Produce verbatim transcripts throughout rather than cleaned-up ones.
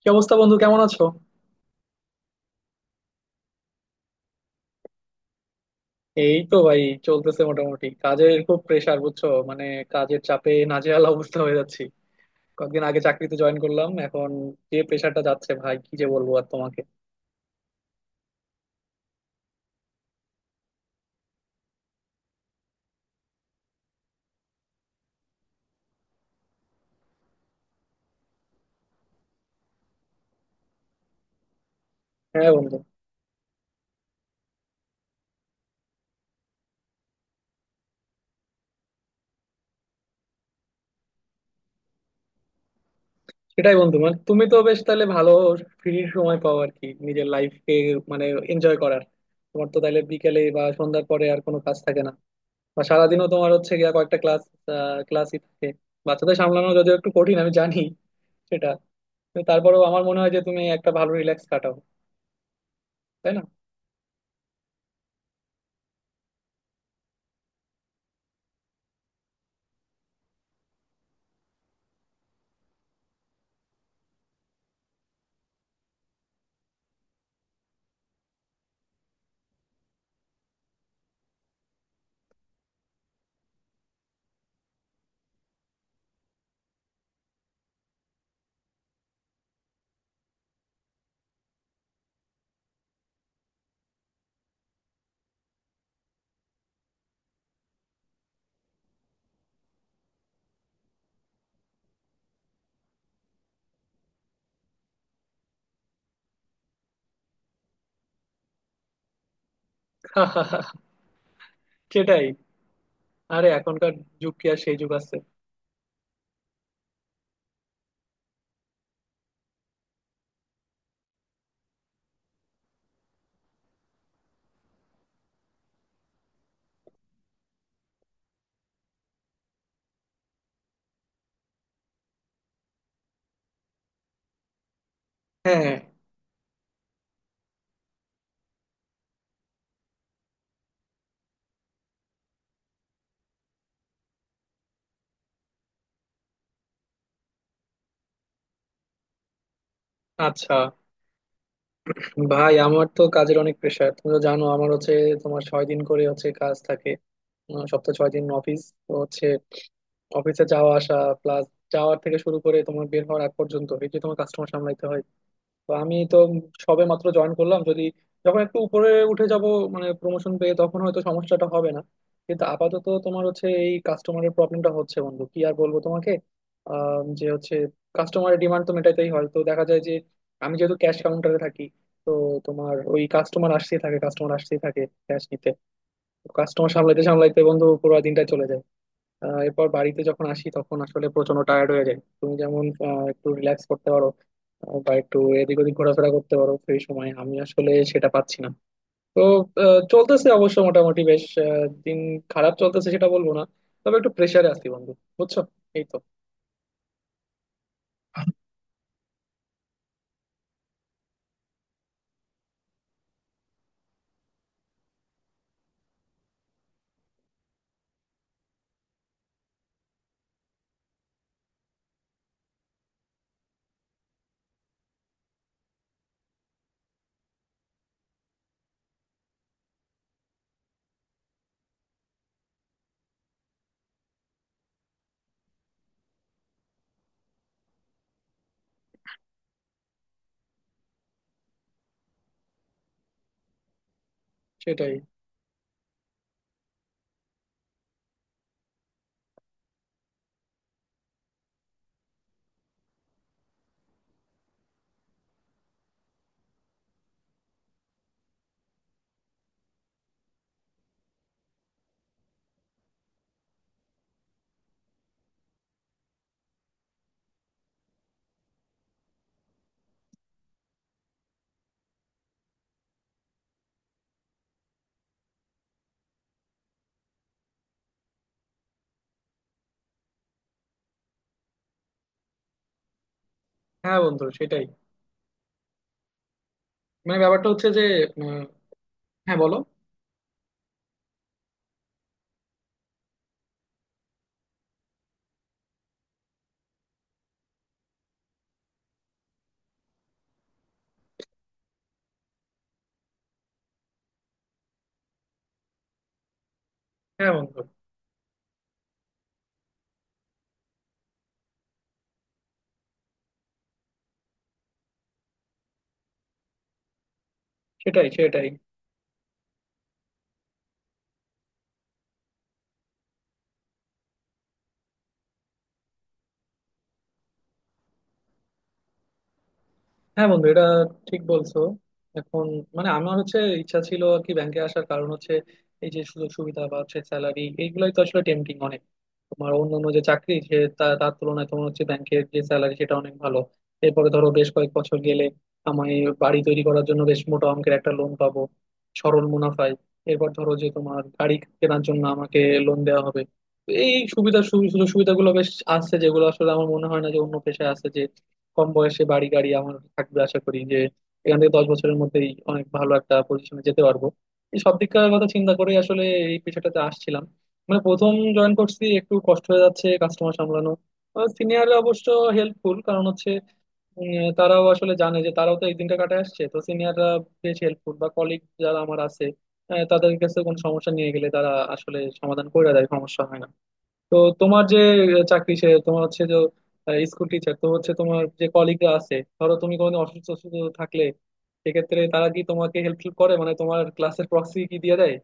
কি অবস্থা বন্ধু, কেমন আছো? এই তো ভাই, চলতেছে মোটামুটি। কাজের খুব প্রেসার, বুঝছো? মানে কাজের চাপে নাজেহাল অবস্থা হয়ে যাচ্ছি। কয়েকদিন আগে চাকরিতে জয়েন করলাম, এখন যে প্রেসারটা যাচ্ছে ভাই, কি যে বলবো আর তোমাকে। হ্যাঁ বন্ধু। সেটাই বন্ধু, মানে তুমি তো বেশ তাহলে ভালো ফ্রি সময় পাও আর কি, নিজের লাইফকে মানে এনজয় করার। তোমার তো তাহলে বিকেলে বা সন্ধ্যার পরে আর কোনো কাজ থাকে না, বা সারাদিনও তোমার হচ্ছে গিয়া কয়েকটা ক্লাস, ক্লাসই থাকে। বাচ্চাদের সামলানো যদিও একটু কঠিন, আমি জানি সেটা, তো তারপরেও আমার মনে হয় যে তুমি একটা ভালো রিল্যাক্স কাটাও, তাই না? সেটাই। আরে এখনকার যুগ কি আর সেই যুগ আছে! হ্যাঁ। আচ্ছা। ভাই আমার তো কাজের অনেক প্রেশার, তুমি তো জানো। আমার হচ্ছে তোমার ছয় দিন করে হচ্ছে কাজ থাকে, আহ, সপ্তাহে ছয় দিন অফিস তো হচ্ছে। অফিসে যাওয়া আসা প্লাস যাওয়ার থেকে শুরু করে তোমার বের হওয়ার আগ পর্যন্ত এই যে তোমার কাস্টমার সামলাইতে হয়। তো আমি তো সবে মাত্র জয়েন করলাম, যদি যখন একটু উপরে উঠে যাব মানে প্রমোশন পেয়ে, তখন হয়তো সমস্যাটা হবে না, কিন্তু আপাতত তোমার হচ্ছে এই কাস্টমারের প্রবলেমটা হচ্ছে বন্ধু, কি আর বলবো তোমাকে। আহ, যে হচ্ছে কাস্টমারের ডিমান্ড তো মেটাইতেই হয়, তো দেখা যায় যে আমি যেহেতু ক্যাশ কাউন্টারে থাকি, তো তোমার ওই কাস্টমার আসতেই থাকে, কাস্টমার আসতেই থাকে ক্যাশ নিতে। কাস্টমার সামলাইতে সামলাইতে বন্ধু পুরো দিনটা চলে যায়। আহ এরপর বাড়িতে যখন আসি তখন আসলে প্রচন্ড টায়ার্ড হয়ে যায়। তুমি যেমন আহ, একটু রিল্যাক্স করতে পারো, আহ, বা একটু এদিক ওদিক ঘোরাফেরা করতে পারো, সেই সময় আমি আসলে সেটা পাচ্ছি না। তো আহ, চলতেছে অবশ্য মোটামুটি বেশ আহ, দিন। খারাপ চলতেছে সেটা বলবো না, তবে একটু প্রেসারে আছি বন্ধু, বুঝছো, এই তো। সেটাই। হ্যাঁ বন্ধু সেটাই। মানে ব্যাপারটা হচ্ছে যে উম, হ্যাঁ বলো। হ্যাঁ বন্ধু। সেটাই সেটাই হ্যাঁ বন্ধু এটা ঠিক বলছো। এখন মানে আমার হচ্ছে ইচ্ছা ছিল আর কি, ব্যাংকে আসার কারণ হচ্ছে এই যে সুযোগ সুবিধা বা হচ্ছে স্যালারি, এইগুলাই তো আসলে টেম্পটিং অনেক। তোমার অন্যান্য যে চাকরি সে তা- তার তুলনায় তোমার হচ্ছে ব্যাংকের যে স্যালারি, সেটা অনেক ভালো। এরপরে ধরো বেশ কয়েক বছর গেলে আমি বাড়ি তৈরি করার জন্য বেশ মোটা অঙ্কের একটা লোন পাবো সরল মুনাফায়। এরপর ধরো যে তোমার গাড়ি কেনার জন্য আমাকে লোন দেওয়া হবে। তো এই সুবিধা সু- সুযোগ সুবিধাগুলো বেশ আছে, যেগুলো আসলে আমার মনে হয় না যে অন্য পেশায় আছে। যে কম বয়সে বাড়ি গাড়ি আমার থাকবে আশা করি, যে এখান থেকে দশ বছরের মধ্যেই অনেক ভালো একটা পজিশনে যেতে পারবো। এই সব দিককার কথা চিন্তা করে আসলে এই পেশাটাতে আসছিলাম। মানে প্রথম জয়েন করছি, একটু কষ্ট হয়ে যাচ্ছে কাস্টমার সামলানো। সিনিয়ররা অবশ্য হেল্পফুল, কারণ হচ্ছে উম, তারাও আসলে জানে যে তারাও তো এই দিনটা কাটায় আসছে। তো সিনিয়ররা বেশ হেল্পফুল, বা কলিগ যারা আমার আছে, আহ, তাদের কাছে কোনো সমস্যা নিয়ে গেলে তারা আসলে সমাধান করে দেয়, সমস্যা হয় না। তো তোমার যে আহ, চাকরি সে তোমার হচ্ছে যে স্কুল টিচার, তো হচ্ছে তোমার যে কলিগরা আছে, ধরো তুমি কোনো অসুস্থ অসুস্থ থাকলে সেক্ষেত্রে তারা কি তোমাকে হেল্পফুল করে, মানে তোমার ক্লাসের প্রক্সি কি দিয়ে দেয়?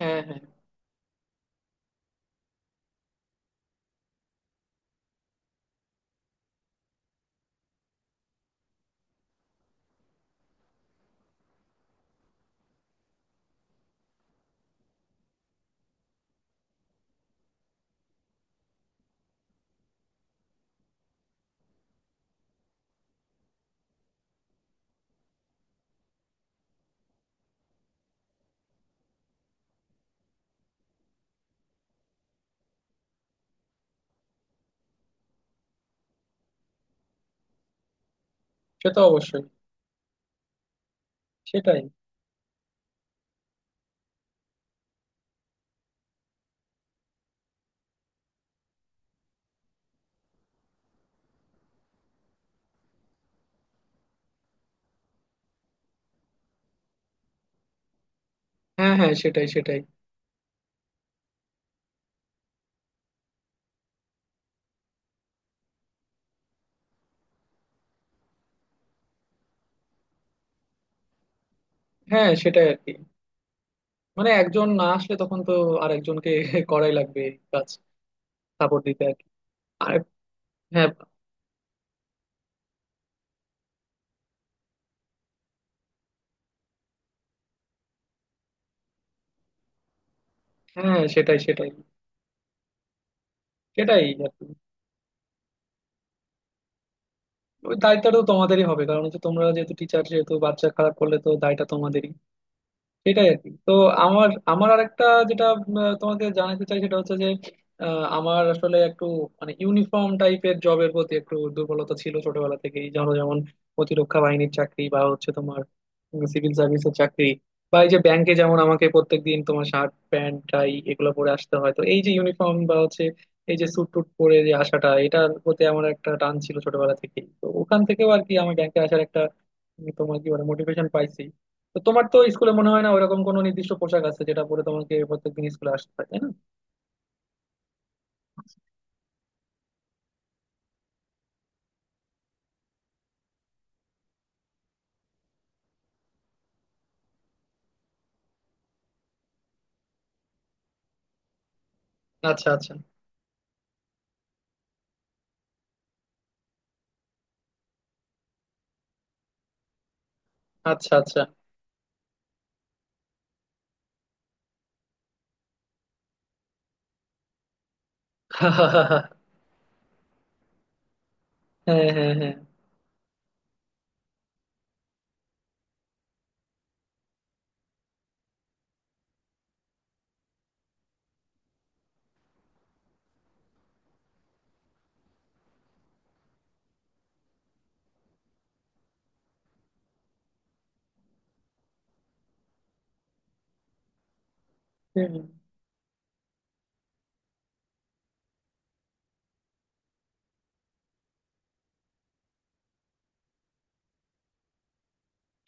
হ্যাঁ, হ্যাঁ। সে তো অবশ্যই। সেটাই। হ্যাঁ, হ্যাঁ, সেটাই সেটাই হ্যাঁ সেটাই আর কি, মানে একজন না আসলে তখন তো আর একজনকে করাই লাগবে এই কাজ, সাপোর্ট দিতে আর কি। আর হ্যাঁ, হ্যাঁ, সেটাই সেটাই সেটাই আর কি, ওই দায়িত্বটা তো তোমাদেরই হবে, কারণ হচ্ছে তোমরা যেহেতু টিচার, যেহেতু বাচ্চা খারাপ করলে তো দায়টা তোমাদেরই। সেটাই আর কি। তো আমার আমার আরেকটা যেটা উম, আহ, তোমাকে জানাতে চাই সেটা হচ্ছে যে আহ, আমার আসলে একটু মানে ইউনিফর্ম টাইপের জবের প্রতি একটু দুর্বলতা ছিল ছোটবেলা থেকেই। ধরো যেমন প্রতিরক্ষা বাহিনীর চাকরি, বা হচ্ছে তোমার সিভিল সার্ভিসের চাকরি, বা এই যে ব্যাংকে যেমন আমাকে প্রত্যেকদিন তোমার শার্ট প্যান্ট টাই এগুলো পরে আসতে হয়, তো এই যে ইউনিফর্ম বা হচ্ছে এই যে স্যুট টুট পরে যে আসাটা, এটার প্রতি আমার একটা টান ছিল ছোটবেলা থেকেই। তো ওখান থেকেও আর কি আমি ব্যাংকে আসার একটা উম, তোমার কি বলে মোটিভেশন পাইছি। তো তোমার তো স্কুলে মনে হয় না ওইরকম কোনো নির্দিষ্ট পোশাক আছে যেটা পরে তোমাকে প্রত্যেকদিন স্কুলে আসতে হয়, তাই না? আচ্ছা আচ্ছা আচ্ছা আচ্ছা হ্যাঁ, হ্যাঁ, হ্যাঁ। হুম।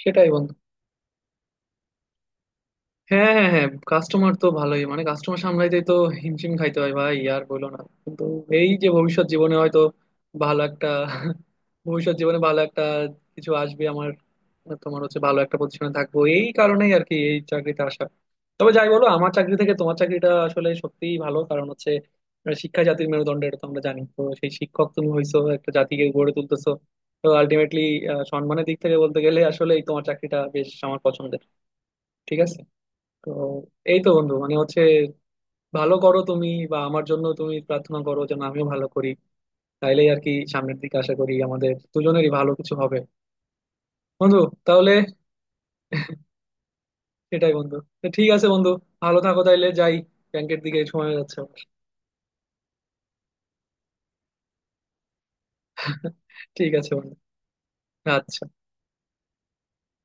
সেটাই বন্ধু। হ্যাঁ, হ্যাঁ, হ্যাঁ, কাস্টমার তো ভালোই, মানে কাস্টমার সামলাইতে তো হিমশিম খাইতে হয় ভাই, আর বলো না। কিন্তু এই যে ভবিষ্যৎ জীবনে হয়তো ভালো একটা, ভবিষ্যৎ জীবনে ভালো একটা কিছু আসবে আমার, তোমার হচ্ছে ভালো একটা পজিশনে থাকবো, এই কারণেই আর কি এই চাকরিতে আসা। তবে যাই বলো, আমার চাকরি থেকে তোমার চাকরিটা আসলে সত্যিই ভালো, কারণ হচ্ছে শিক্ষা জাতির মেরুদণ্ড, এটা তো আমরা জানি। তো সেই শিক্ষক তুমি হইছো, একটা জাতিকে গড়ে তুলতেছো। তো আলটিমেটলি সম্মানের দিক থেকে বলতে গেলে আসলে তোমার চাকরিটা বেশ আমার পছন্দের। ঠিক আছে। তো এই তো বন্ধু, মানে হচ্ছে ভালো করো তুমি, বা আমার জন্য তুমি প্রার্থনা করো যেন আমিও ভালো করি। তাইলেই আর কি, সামনের দিকে আশা করি আমাদের দুজনেরই ভালো কিছু হবে বন্ধু, তাহলে। সেটাই বন্ধু। তো ঠিক আছে বন্ধু, ভালো থাকো, তাইলে যাই, ব্যাংকের দিকে সময় হয়ে যাচ্ছে আমার। ঠিক আছে বন্ধু। আচ্ছা।